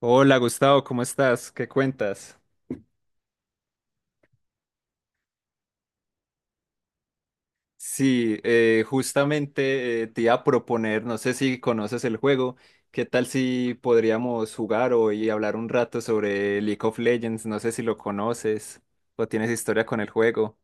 Hola Gustavo, ¿cómo estás? ¿Qué cuentas? Sí, justamente te iba a proponer, no sé si conoces el juego, ¿qué tal si podríamos jugar hoy y hablar un rato sobre League of Legends? No sé si lo conoces o tienes historia con el juego.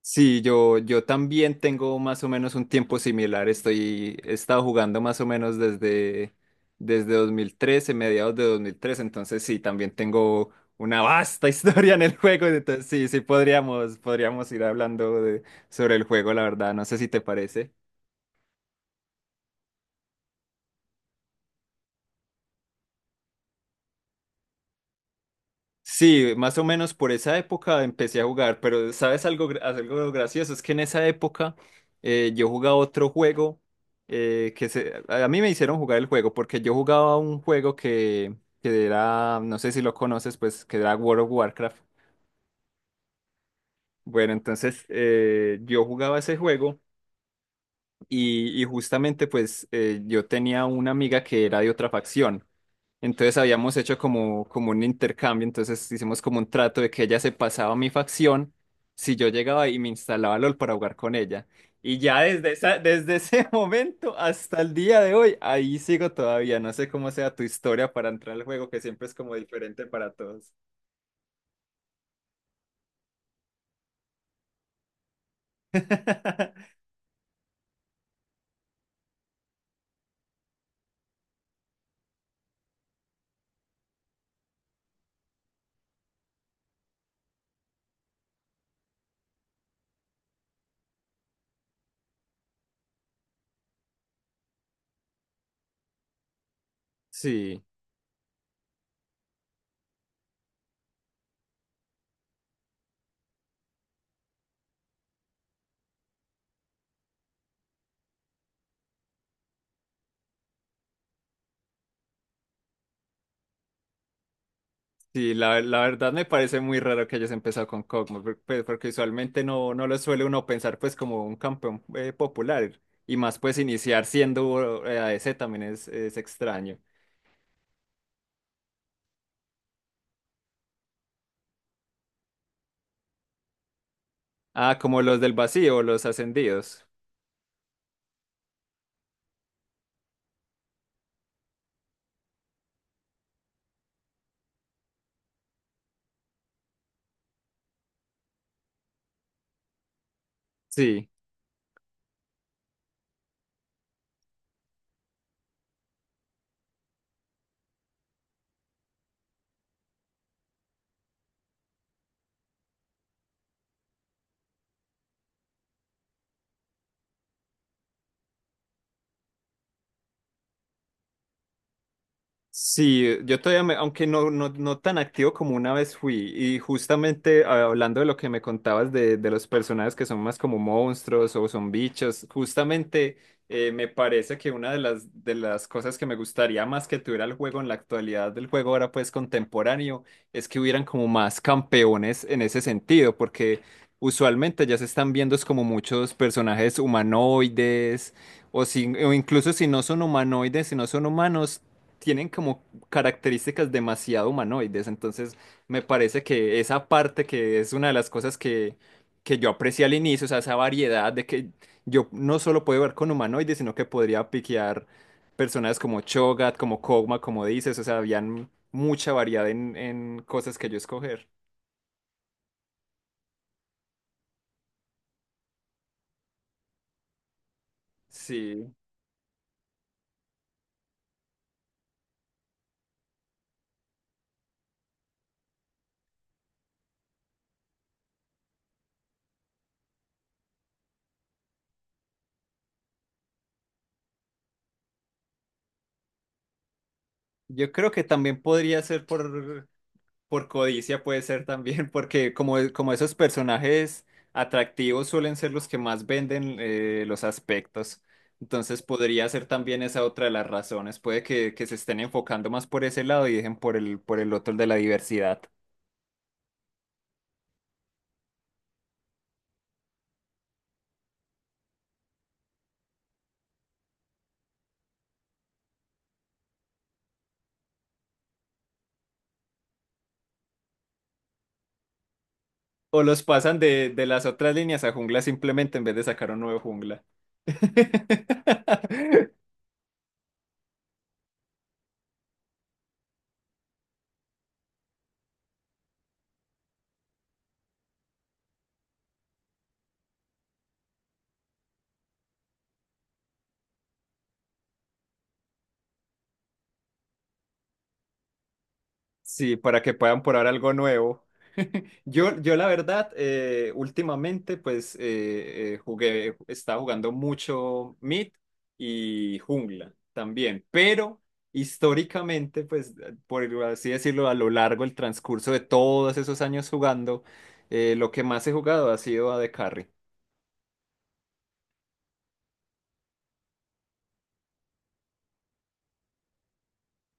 Sí, yo también tengo más o menos un tiempo similar. He estado jugando más o menos desde 2013, mediados de 2013. Entonces, sí, también tengo una vasta historia en el juego. Entonces, sí, sí, podríamos ir hablando sobre el juego, la verdad. No sé si te parece. Sí, más o menos por esa época empecé a jugar, pero ¿sabes algo, algo gracioso? Es que en esa época yo jugaba otro juego, a mí me hicieron jugar el juego porque yo jugaba un juego que era, no sé si lo conoces, pues que era World of Warcraft. Bueno, entonces yo jugaba ese juego, y justamente pues yo tenía una amiga que era de otra facción. Entonces habíamos hecho como un intercambio, entonces hicimos como un trato de que ella se pasaba a mi facción si yo llegaba y me instalaba LOL para jugar con ella. Y ya desde desde ese momento hasta el día de hoy, ahí sigo todavía. No sé cómo sea tu historia para entrar al juego, que siempre es como diferente para todos. Sí. Sí, la verdad me parece muy raro que hayas empezado con Kog'Maw, pues, porque usualmente no lo suele uno pensar pues como un campeón popular, y más pues iniciar siendo ADC también es extraño. Ah, como los del vacío, los ascendidos. Sí. Sí, yo todavía, aunque no tan activo como una vez fui, y justamente ah, hablando de lo que me contabas de los personajes que son más como monstruos o son bichos, justamente me parece que una de de las cosas que me gustaría más que tuviera el juego en la actualidad del juego ahora pues contemporáneo es que hubieran como más campeones en ese sentido, porque usualmente ya se están viendo es como muchos personajes humanoides. O, si, o incluso si no son humanoides, si no son humanos, tienen como características demasiado humanoides, entonces me parece que esa parte que es una de las cosas que yo aprecié al inicio, o sea, esa variedad de que yo no solo puedo ver con humanoides, sino que podría piquear personas como Cho'Gath, como Kog'Ma, como dices, o sea, habían mucha variedad en cosas que yo escoger. Sí, yo creo que también podría ser por. Por codicia puede ser también, porque como esos personajes atractivos suelen ser los que más venden los aspectos, entonces podría ser también esa otra de las razones. Puede que se estén enfocando más por ese lado y dejen por el otro el de la diversidad. O los pasan de las otras líneas a jungla simplemente en vez de sacar un nuevo jungla. Sí, para que puedan probar algo nuevo. Yo la verdad, últimamente pues jugué, estaba jugando mucho Mid y Jungla también, pero históricamente pues, por así decirlo, a lo largo del transcurso de todos esos años jugando, lo que más he jugado ha sido a de carry.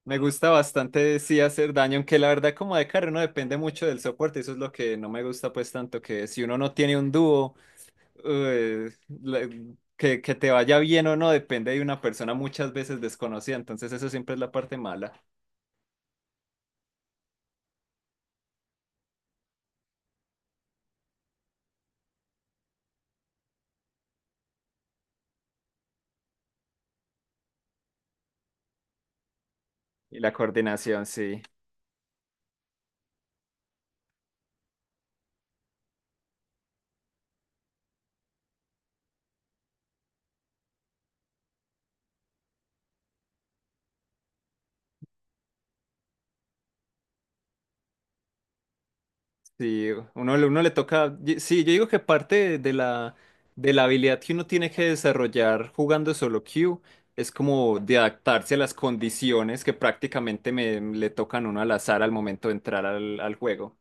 Me gusta bastante sí hacer daño, aunque la verdad como de carry no depende mucho del soporte, eso es lo que no me gusta pues tanto, que si uno no tiene un dúo eh, la- que te vaya bien o no depende de una persona muchas veces desconocida, entonces eso siempre es la parte mala. Y la coordinación, sí. Sí, uno le toca. Sí, yo digo que parte de de la habilidad que uno tiene que desarrollar jugando solo queue es como de adaptarse a las condiciones que prácticamente le tocan a uno al azar al momento de entrar al juego.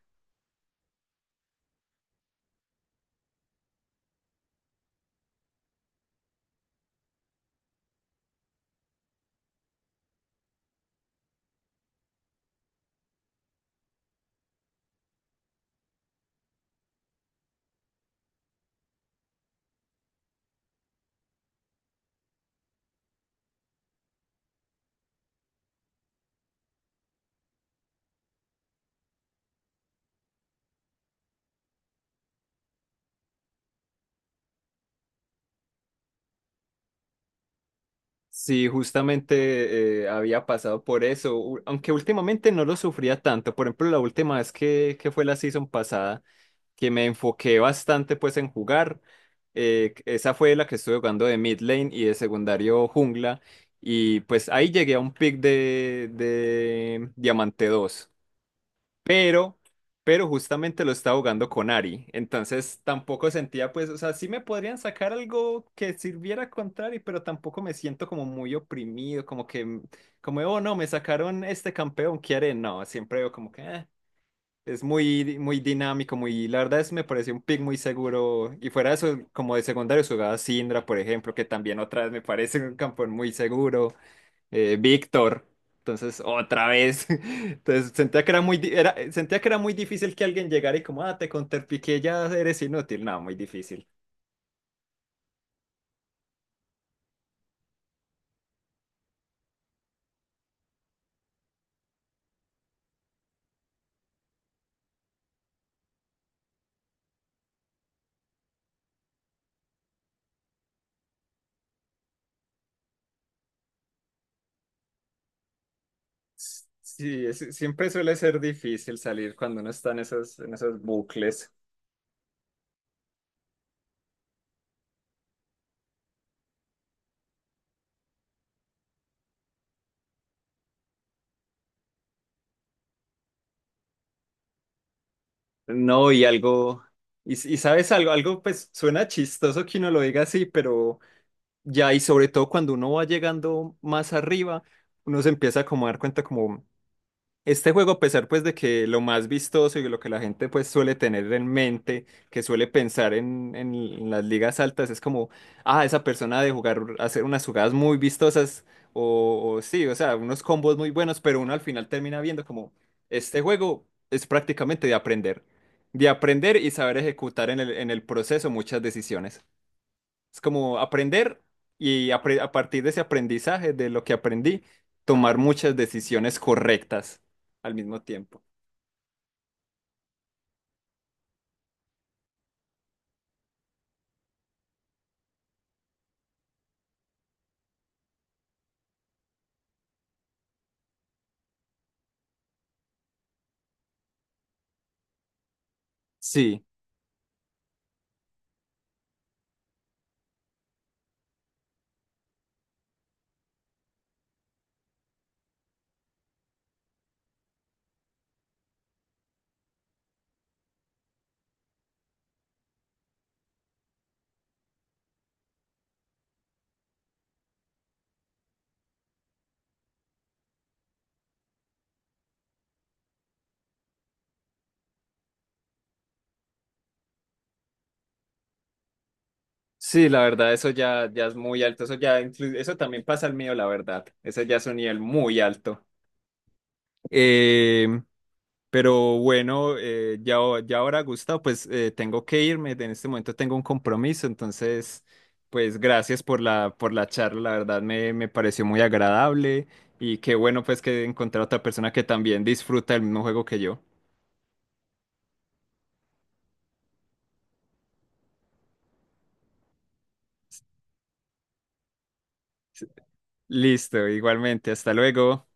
Sí, justamente había pasado por eso, aunque últimamente no lo sufría tanto. Por ejemplo, la última vez que fue la season pasada, que me enfoqué bastante pues en jugar, esa fue la que estuve jugando de mid lane y de secundario jungla, y pues ahí llegué a un pick de diamante dos, pero, pero justamente lo estaba jugando con Ari, entonces tampoco sentía, pues, o sea, sí me podrían sacar algo que sirviera contra Ari, pero tampoco me siento como muy oprimido, como que, como, oh, no, me sacaron este campeón, ¿qué haré? No, siempre veo como que, "Ah". Es muy, muy dinámico, muy, la verdad es, me pareció un pick muy seguro, y fuera de eso, como de secundario jugaba Syndra, por ejemplo, que también otra vez me parece un campeón muy seguro, Víctor. Entonces, otra vez. Entonces, sentía que era muy, sentía que era muy difícil que alguien llegara y como, ah, te contrapiqué, ya eres inútil. No, muy difícil. Sí, siempre suele ser difícil salir cuando uno está en en esos bucles. No, y algo, y sabes algo, algo pues suena chistoso que uno lo diga así, pero ya, y sobre todo cuando uno va llegando más arriba, uno se empieza como a dar cuenta como... Este juego, a pesar pues de que lo más vistoso y lo que la gente pues suele tener en mente, que suele pensar en las ligas altas, es como, ah, esa persona ha de jugar, hacer unas jugadas muy vistosas o sí, o sea, unos combos muy buenos, pero uno al final termina viendo como, este juego es prácticamente de aprender y saber ejecutar en en el proceso muchas decisiones. Es como aprender y a partir de ese aprendizaje, de lo que aprendí, tomar muchas decisiones correctas al mismo tiempo. Sí, sí, la verdad, ya es muy alto. Eso ya eso también pasa al mío, la verdad. Eso ya es un nivel muy alto. Eh, Pero bueno, ya ahora, Gustavo, pues tengo que irme. En este momento tengo un compromiso. Entonces, pues gracias por por la charla. Me pareció muy agradable. Y qué bueno, pues que encontrar otra persona que también disfruta el mismo juego que yo. Sí, listo, igualmente. Hasta luego.